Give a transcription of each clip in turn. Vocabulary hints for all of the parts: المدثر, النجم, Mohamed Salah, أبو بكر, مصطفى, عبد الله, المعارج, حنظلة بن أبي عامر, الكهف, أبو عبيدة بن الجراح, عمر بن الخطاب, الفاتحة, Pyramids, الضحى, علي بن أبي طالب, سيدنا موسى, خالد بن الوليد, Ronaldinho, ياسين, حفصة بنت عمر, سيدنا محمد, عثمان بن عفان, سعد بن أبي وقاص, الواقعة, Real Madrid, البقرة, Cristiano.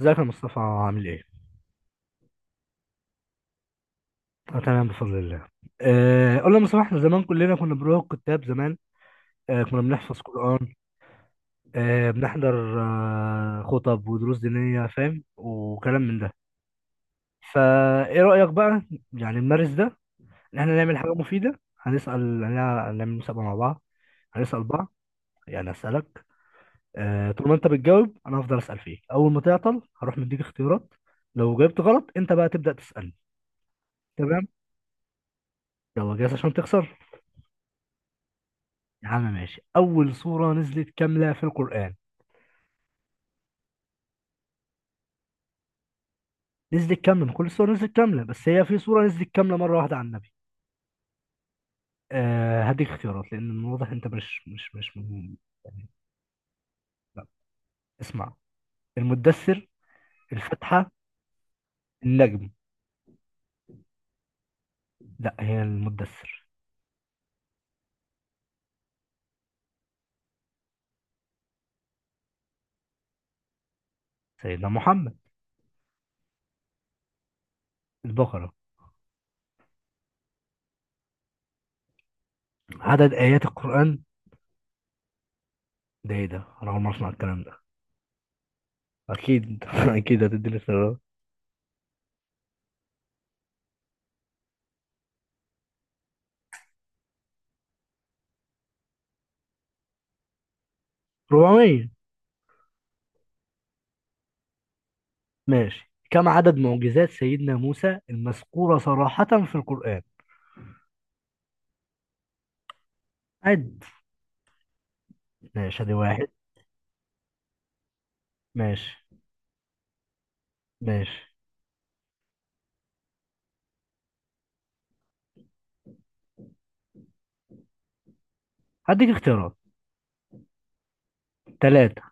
ازيك يا مصطفى، عامل ايه؟ أنا تمام بفضل الله. قول لي يا مصطفى، احنا زمان كلنا كنا بنروح الكتاب زمان. كنا بنحفظ قرآن. بنحضر خطب ودروس دينية، فاهم؟ وكلام من ده. فايه رأيك بقى؟ يعني نمارس ده، ان احنا نعمل حاجة مفيدة. هنسأل هنعمل مسابقة مع بعض. هنسأل بعض، يعني هسألك. طول ما انت بتجاوب انا هفضل أسأل فيك، اول ما تعطل هروح مديك اختيارات. لو جاوبت غلط انت بقى تبدأ تسألني. تمام؟ يلا، جاهز عشان تخسر؟ يا عم ماشي. أول سورة نزلت كاملة في القرآن. نزلت كاملة؟ مش كل السور نزلت كاملة، بس هي في سورة نزلت كاملة مرة واحدة على النبي. آه، هديك اختيارات لأن من واضح أنت مش. يعني اسمع: المدثر، الفاتحة، النجم. لا، هي المدثر. سيدنا محمد. البقرة. عدد آيات القرآن. ده إيه ده؟ أنا أول مرة أسمع الكلام ده. أكيد، أكيد هتديني اختيارات. 400. ماشي، كم عدد معجزات سيدنا موسى المذكورة صراحة في القرآن؟ عد. ماشي، ادي واحد. ماشي. ماشي. هديك اختيارات: تلاتة،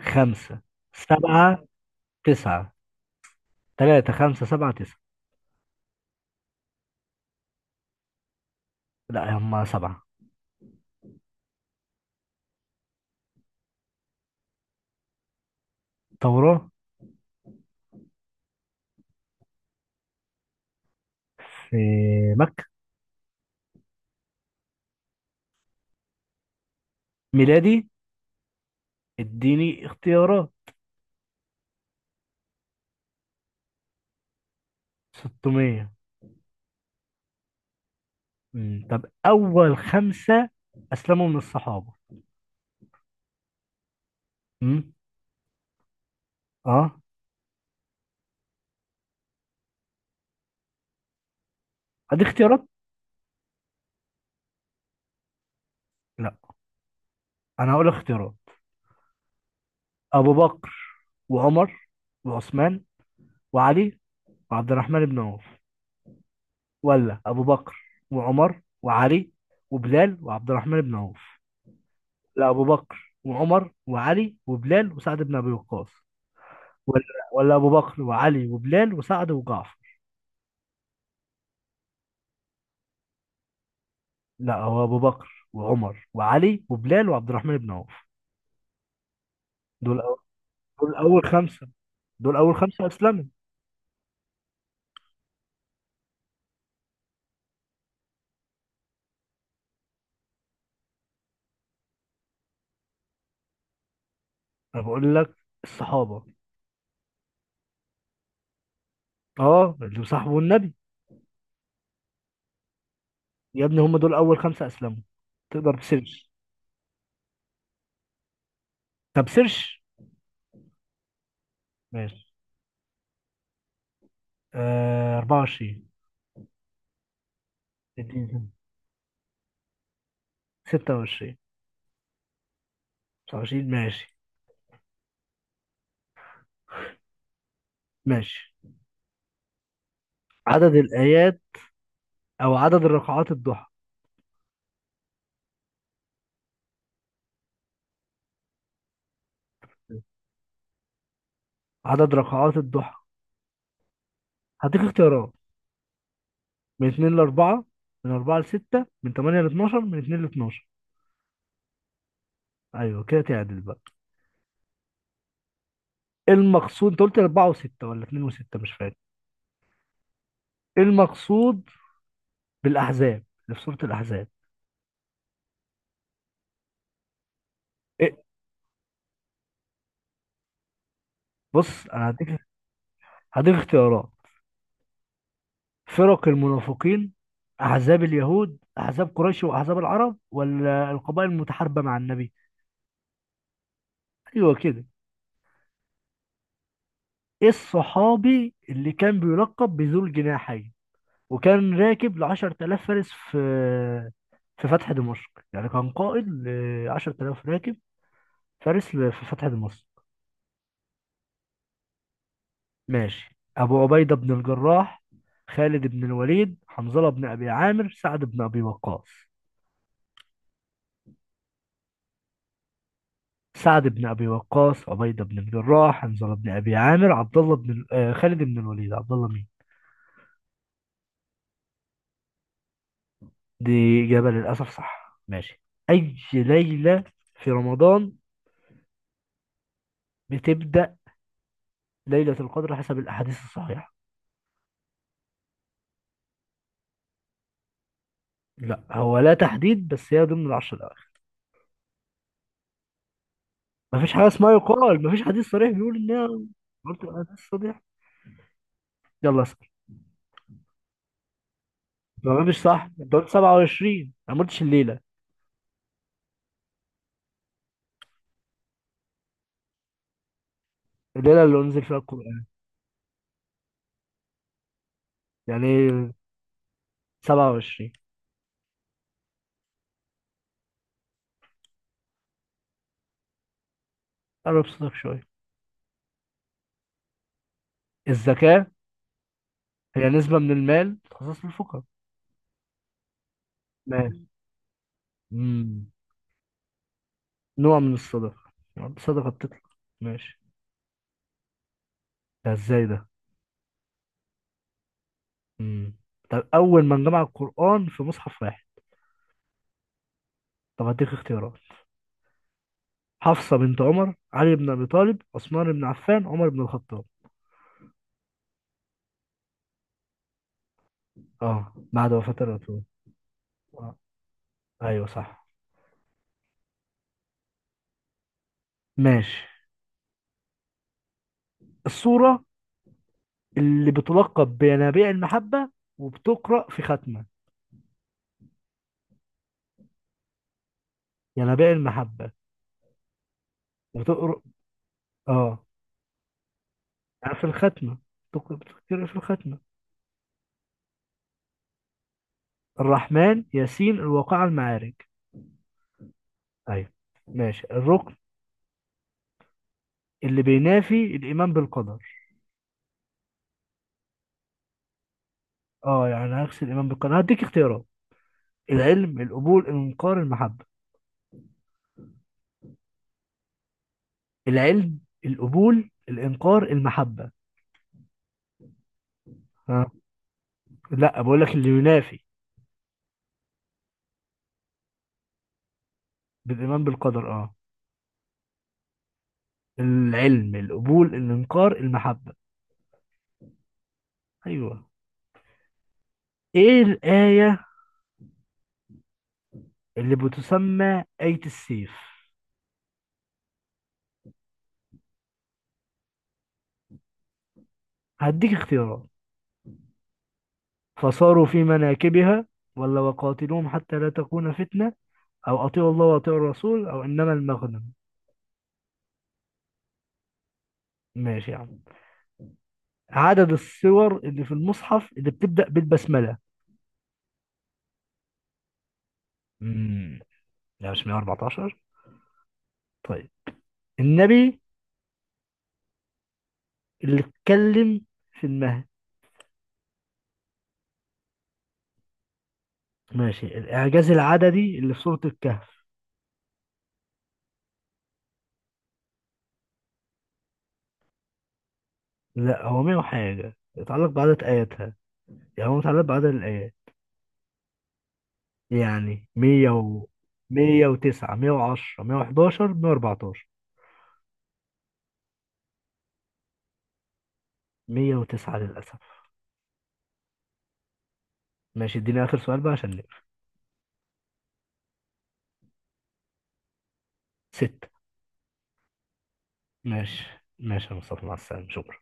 خمسة، سبعة، تسعة. تلاتة، خمسة، سبعة، تسعة. لا، هما سبعة. ثورة. في مكة. ميلادي. اديني اختيارات. 600. مم. طب، أول خمسة أسلموا من الصحابة. مم. أه. هديك اختيارات. لا، أنا هقول اختيارات: أبو بكر وعمر وعثمان وعلي وعبد الرحمن بن عوف، ولا ابو بكر وعمر وعلي وبلال وعبد الرحمن بن عوف، لا ابو بكر وعمر وعلي وبلال وسعد بن ابي وقاص، ولا، ولا ابو بكر وعلي وبلال وسعد وجعفر. لا، هو ابو بكر وعمر وعلي وبلال وعبد الرحمن بن عوف. دول أو... دول اول خمسه، دول اول خمسه اسلموا. انا بقول لك الصحابه. اه، اللي صاحبوا النبي. يا ابني، هم دول اول خمسه اسلموا. تقدر تسيرش. طب سيرش. ماشي. آه، 24. اديني. 26. 29. ماشي. ماشي، عدد الآيات، أو عدد ركعات الضحى. عدد ركعات الضحى. هديك اختيارات: من 2 ل 4، من 4 ل 6، من 8 ل 12، من 2 ل 12. أيوه كده، تعدل بقى. إيه المقصود؟ أنت قلت 4 و6 ولا 2 و6، مش فاكر. إيه المقصود بالأحزاب اللي في سورة الأحزاب؟ إيه؟ بص، أنا هديك، هديك اختيارات: فرق المنافقين، أحزاب اليهود، أحزاب قريش وأحزاب العرب، ولا القبائل المتحاربة مع النبي. أيوه كده. الصحابي اللي كان بيلقب بذو الجناحين، وكان راكب لـ10,000 فارس في فتح دمشق. يعني كان قائد لـ10,000 راكب فارس في فتح دمشق. ماشي. أبو عبيدة بن الجراح، خالد بن الوليد، حنظلة بن أبي عامر، سعد بن أبي وقاص. سعد بن أبي وقاص، عبيدة بن الجراح، حنظلة بن أبي عامر، عبد الله بن خالد بن الوليد، عبد الله مين؟ دي إجابة للأسف صح. ماشي. أي ليلة في رمضان بتبدأ ليلة القدر حسب الأحاديث الصحيحة؟ لا، هو لا تحديد، بس هي ضمن العشر الأواخر. مفيش حاجة اسمها يقال، مفيش حديث صريح بيقول إنها. قلت الأحاديث الصحيحة. يلا اسأل. ما قلتش صح، أنت قلت 27، أنا ما قلتش الليلة. الليلة اللي أنزل فيها القرآن. يعني إيه؟ 27. قرب صوتك شوية. الزكاة؟ هي نسبة من المال تخصص للفقراء. ماشي. مم. نوع من الصدقة، يعني الصدقة بتطلع. ماشي. ده ازاي ده؟ مم. طب، أول من جمع القرآن في مصحف واحد. طب، هديك اختيارات: حفصة بنت عمر، علي بن أبي طالب، عثمان بن عفان، عمر بن الخطاب. اه، بعد وفاة الرسول. آه. ايوه صح. ماشي. الصورة اللي بتلقب بينابيع المحبة، وبتقرأ في ختمة. ينابيع المحبة، وتقرأ. اه، يعني في الختمة. بتقرأ في الختمة. الرحمن، ياسين، الواقعة، المعارج. ايوه. ماشي. الركن اللي بينافي الإيمان بالقدر. اه، يعني عكس الإيمان بالقدر. هديك اختيارات: العلم، القبول، الإنكار، المحبة. العلم، القبول، الإنكار، المحبة. ها. لا، بقول لك اللي ينافي بالإيمان بالقدر، اه. العلم، القبول، الإنكار، المحبة. أيوه. إيه الآية اللي بتسمى آية السيف؟ هديك اختيارات: فصاروا في مناكبها، ولا وقاتلوهم حتى لا تكون فتنة، أو أطيعوا الله وأطيعوا الرسول، أو إنما المغنم. ماشي يا عم. عدد السور اللي في المصحف اللي بتبدأ بالبسملة. امم لا، مش 114. طيب، النبي اللي اتكلم في المهد. ماشي، الإعجاز العددي اللي في سورة الكهف. لا، هو مية وحاجة يتعلق بعدد آياتها. يعني هو متعلق بعدد الآيات. يعني مية و، 109، 110، 111، 114. 109 للأسف. ماشي، اديني آخر سؤال بقى عشان نقفل. ستة. ماشي. ماشي يا مصطفى، مع السلامة، شكرا.